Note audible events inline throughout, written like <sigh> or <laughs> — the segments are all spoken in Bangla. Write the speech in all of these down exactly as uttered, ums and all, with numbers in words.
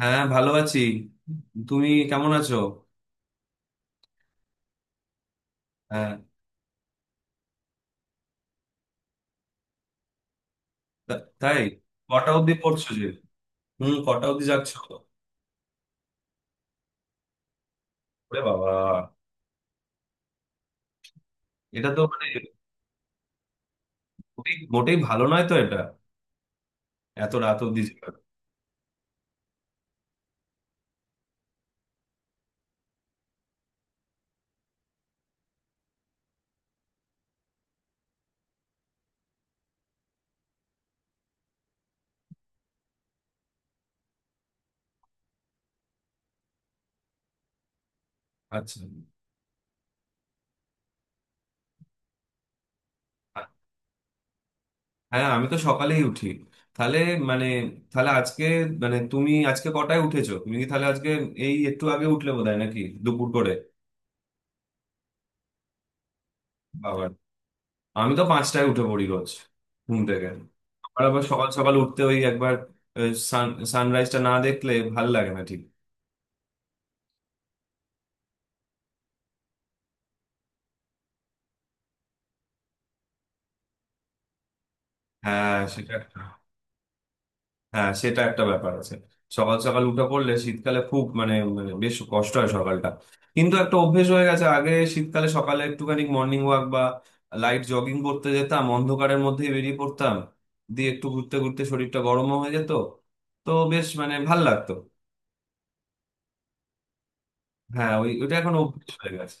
হ্যাঁ, ভালো আছি। তুমি কেমন আছো? হ্যাঁ। তা- তাই? কটা অবধি পড়ছো যে? হুম, কটা অবধি যাচ্ছ? ওরে বাবা! এটা তো মানে খুবই মোটেই ভালো নয় তো, এটা এত রাত অবধি যাওয়া। আচ্ছা। হ্যাঁ, আমি তো সকালেই উঠি। তাহলে মানে তাহলে আজকে, মানে তুমি আজকে কটায় উঠেছো? তুমি কি তাহলে আজকে এই একটু আগে উঠলে, বোধহয় নাকি দুপুর করে? বাবা, আমি তো পাঁচটায় উঠে পড়ি রোজ ঘুম থেকে। আর আবার সকাল সকাল উঠতে, ওই একবার সান সানরাইজটা না দেখলে ভাল লাগে না ঠিক। হ্যাঁ, সেটা একটা- হ্যাঁ সেটা একটা ব্যাপার আছে। সকাল সকাল উঠে পড়লে শীতকালে খুব মানে মানে বেশ কষ্ট হয় সকালটা। কিন্তু একটা অভ্যেস হয়ে গেছে, আগে শীতকালে সকালে একটুখানি মর্নিং ওয়াক বা লাইট জগিং করতে যেতাম, অন্ধকারের মধ্যেই বেরিয়ে পড়তাম। দিয়ে একটু ঘুরতে ঘুরতে শরীরটা গরমও হয়ে যেত। তো বেশ মানে ভাল লাগতো। হ্যাঁ, ওই ওটা এখন অভ্যেস হয়ে গেছে।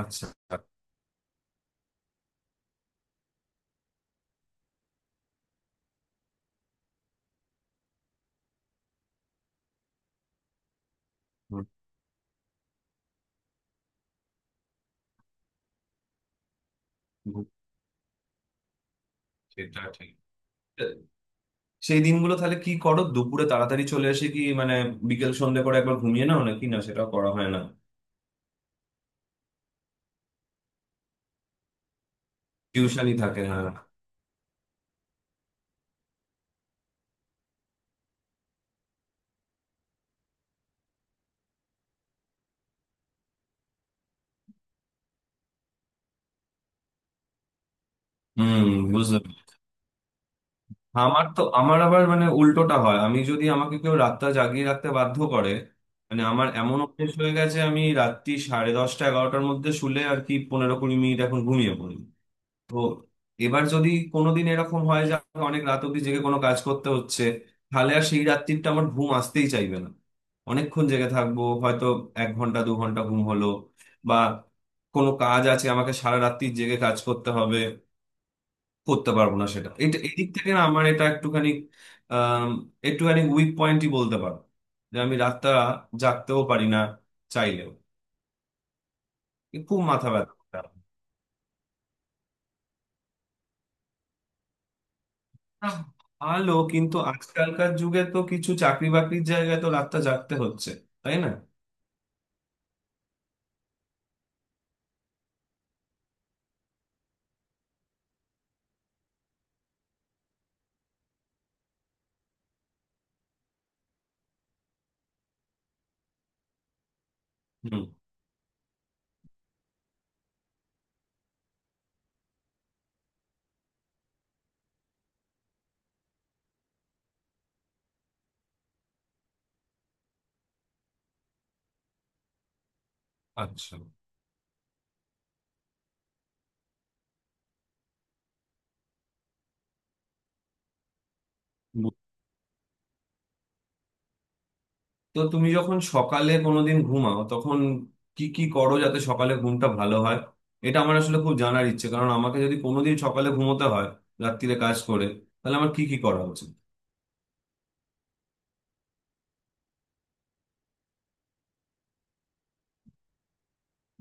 আচ্ছা। সেটা ঠিক। সেই দিনগুলো তাহলে কি করো? দুপুরে তাড়াতাড়ি চলে এসে কি মানে বিকেল সন্ধ্যে করে একবার ঘুমিয়ে নাও নাকি? না, সেটাও করা হয় না? টিউশনই থাকে, হ্যাঁ। হুম। বুঝলাম। আমার তো আমার আবার মানে উল্টোটা হয়। আমি যদি আমাকে কেউ রাতটা জাগিয়ে রাখতে বাধ্য করে, মানে আমার এমন অভ্যেস হয়ে গেছে, আমি রাত্রি সাড়ে দশটা এগারোটার মধ্যে শুলে আর কি পনেরো কুড়ি মিনিট এখন ঘুমিয়ে পড়ি। তো এবার যদি কোনোদিন এরকম হয় যে আমাকে অনেক রাত অব্দি জেগে কোনো কাজ করতে হচ্ছে, তাহলে আর সেই রাত্রিটা আমার ঘুম আসতেই চাইবে না। অনেকক্ষণ জেগে থাকবো হয়তো। এক ঘন্টা দু ঘন্টা ঘুম হলো। বা কোনো কাজ আছে, আমাকে সারা রাত্রি জেগে কাজ করতে হবে, করতে পারবো না সেটা। এটা এদিক থেকে না, আমার এটা একটুখানি আহ একটুখানি উইক পয়েন্টই বলতে পারো, যে আমি রাতটা জাগতেও পারি না চাইলেও। এ খুব মাথা ব্যথা। না, ভালো, কিন্তু আজকালকার যুগে তো কিছু চাকরি বাকরির জায়গায় তো রাতটা জাগতে হচ্ছে, তাই না? হুম। আচ্ছা। বু- তো তুমি যখন সকালে কোনোদিন ঘুমাও তখন কি কি করো যাতে সকালে ঘুমটা ভালো হয়? এটা আমার আসলে খুব জানার ইচ্ছে, কারণ আমাকে যদি কোনোদিন সকালে ঘুমোতে হয় রাত্তিরে কাজ করে, তাহলে আমার কি কি করা উচিত?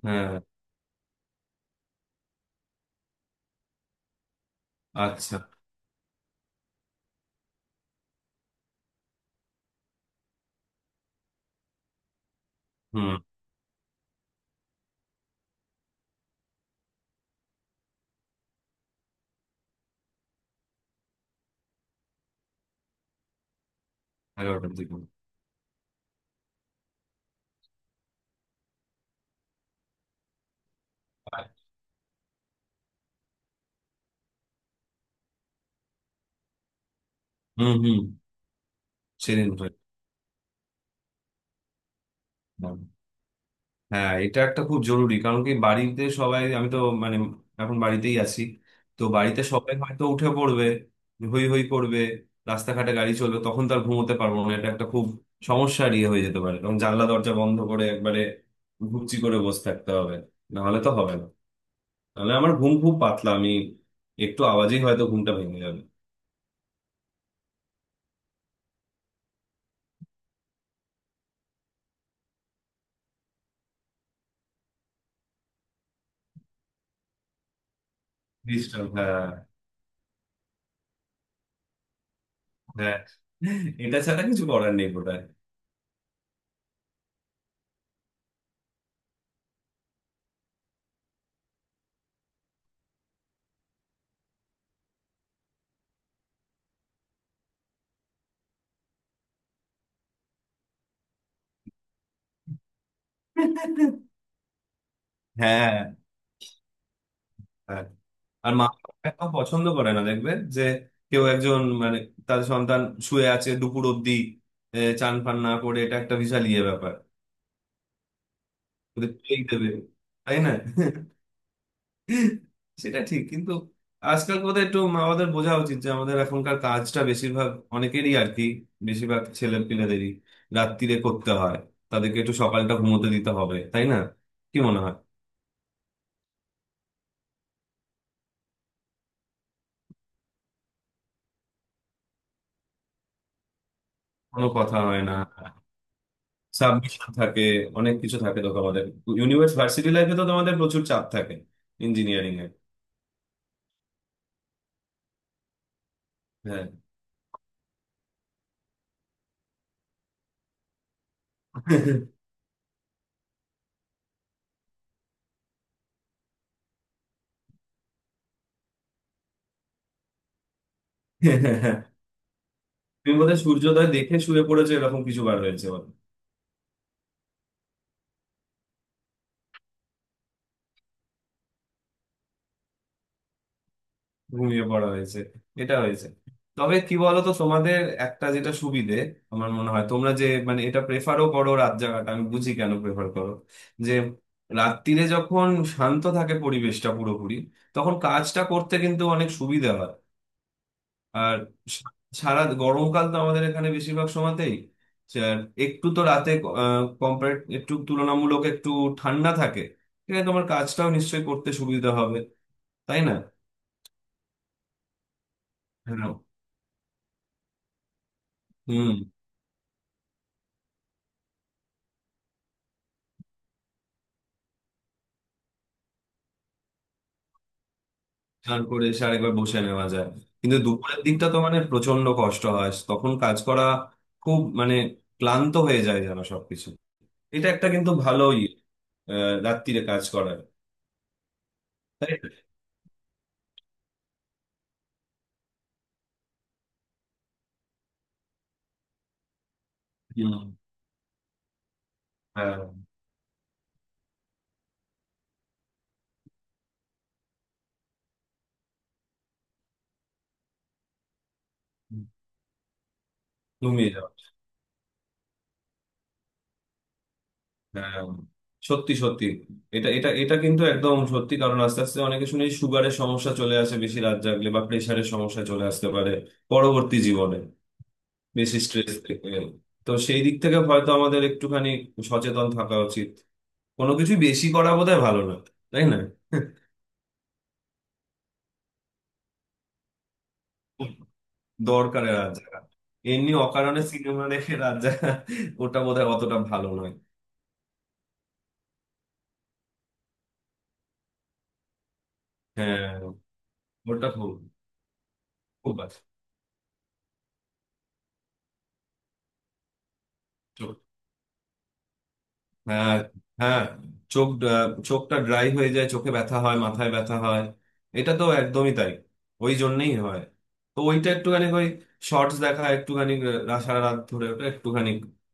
হ্যাঁ। আচ্ছা। হুম। এগারোটার দিকে। হুম, হুম। সেদিন। হয়। হ্যাঁ, এটা একটা খুব জরুরি। কারণ কি, বাড়িতে সবাই, আমি তো মানে এখন বাড়িতেই আছি। তো বাড়িতে সবাই হয়তো উঠে পড়বে, হই হই করবে, রাস্তাঘাটে গাড়ি চলবে, তখন তার ঘুমোতে পারবো না। এটা একটা খুব সমস্যার ইয়ে হয়ে যেতে পারে। কারণ জানলা দরজা বন্ধ করে একবারে ঘুপচি করে বসে থাকতে হবে, না হলে তো হবে না। নাহলে আমার ঘুম খুব পাতলা, আমি একটু আওয়াজেই হয়তো ঘুমটা ভেঙে যাবে। ডিস্টার্ব, হ্যাঁ। হ্যাঁ, এটা ছাড়া কিছু করার নেই বোধহয়। হ্যাঁ, হ্যাঁ। হ্যাঁ। আর মা বাবা এটাও পছন্দ করে না, দেখবে যে কেউ একজন মানে তার সন্তান শুয়ে আছে দুপুর অব্দি, আহ, চান ফান না করে, এটা একটা বিশাল ইয়ে ব্যাপার। ওদের খেয়েই দেবে, তাই না? সেটা ঠিক, কিন্তু আজকাল বোধহয় একটু মা বাবাদের বোঝা উচিত যে আমাদের এখনকার কাজটা বেশিরভাগ, অনেকেরই আর কি, বেশিরভাগ ছেলে পিলেদেরই রাত্তিরে করতে হয়। তাদেরকে একটু সকালটা ঘুমোতে দিতে হবে, তাই না? কি মনে হয়? কোনো কথা হয় না। সাবমিশন থাকে, অনেক কিছু থাকে তো তোমাদের। ইউনিভার্স ভার্সিটি লাইফে তো তোমাদের প্রচুর চাপ থাকে, ইঞ্জিনিয়ারিং এ। হ্যাঁ। তুমি বোধহয় সূর্যোদয় দেখে শুয়ে পড়েছো, এরকম কিছু বার হয়েছে বলো। ঘুমিয়ে পড়া হয়েছে, এটা হয়েছে। তবে কি বলতো, তোমাদের একটা যেটা সুবিধে, আমার মনে হয় তোমরা যে মানে এটা প্রেফারও করো রাত জাগাটা, আমি বুঝি কেন প্রেফার করো। যে রাত্তিরে যখন শান্ত থাকে পরিবেশটা পুরোপুরি, তখন কাজটা করতে কিন্তু অনেক সুবিধা হয়। আর সা- সারা গরমকাল তো আমাদের এখানে বেশিরভাগ সময়তেই যা- একটু তো রাতে কম্পারেট একটু তুলনামূলক একটু ঠান্ডা থাকে। এখানে তোমার কাজটাও নিশ্চয়ই করতে সুবিধা হবে, তাই না? হ্যাঁ। হুম। স্নান করে এসে আরেকবার বসে নেওয়া যায়। কিন্তু দুপুরের দিকটা তো মানে প্রচন্ড কষ্ট হয় তখন কাজ করা। খুব মানে ক্লান্ত হয়ে যায় যেন সবকিছু। এটা একটা কিন্তু ভালোই আহ রাত্তিরে কাজ করার, তাই না? হুম। হ্যাঁ। ঘুমিয়ে যাওয়া। হ্যাঁ, সত্যি সত্যি। এটা এটা এটা কিন্তু একদম সত্যি। কারণ আস্তে আস্তে অনেকে শুনি সুগারের সমস্যা চলে আসে বেশি রাত জাগলে, বা প্রেশারের সমস্যা চলে আসতে পারে পরবর্তী জীবনে, বেশি স্ট্রেস থেকে। তো সেই দিক থেকে হয়তো আমাদের একটুখানি সচেতন থাকা উচিত। কোনো কিছু বেশি করা বোধহয় ভালো না, তাই না? দরকারে রাত জাগা, এমনি অকারণে সিনেমা দেখে রাত জাগা, ওটা বোধহয় অতটা ভালো নয়। হ্যাঁ, ওটা খুব, খুব বাজে। হ্যাঁ, হ্যাঁ। চোখ, আহ, চোখটা ড্রাই হয়ে যায়, চোখে ব্যথা হয়, মাথায় ব্যথা হয়, এটা তো একদমই তাই। ওই জন্যই হয়। তো ওইটা একটুখানি ওই শর্টস দেখা একটুখানি, আহ, রা- সারা রাত ধরে ওটা একটুখানি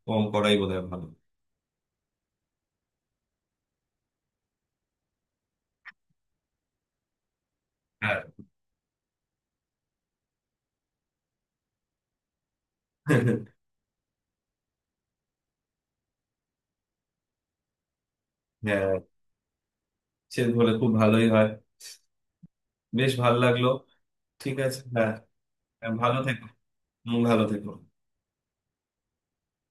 কম করাই বোধহয় ভালো। হ্যাঁ। <laughs> হ্যাঁ, সে বলে খুব ভালোই হয়। বেশ ভালো লাগলো। ঠিক আছে, হ্যাঁ। হ্যাঁ, ভালো থেকো। হুম, ভালো থেকো।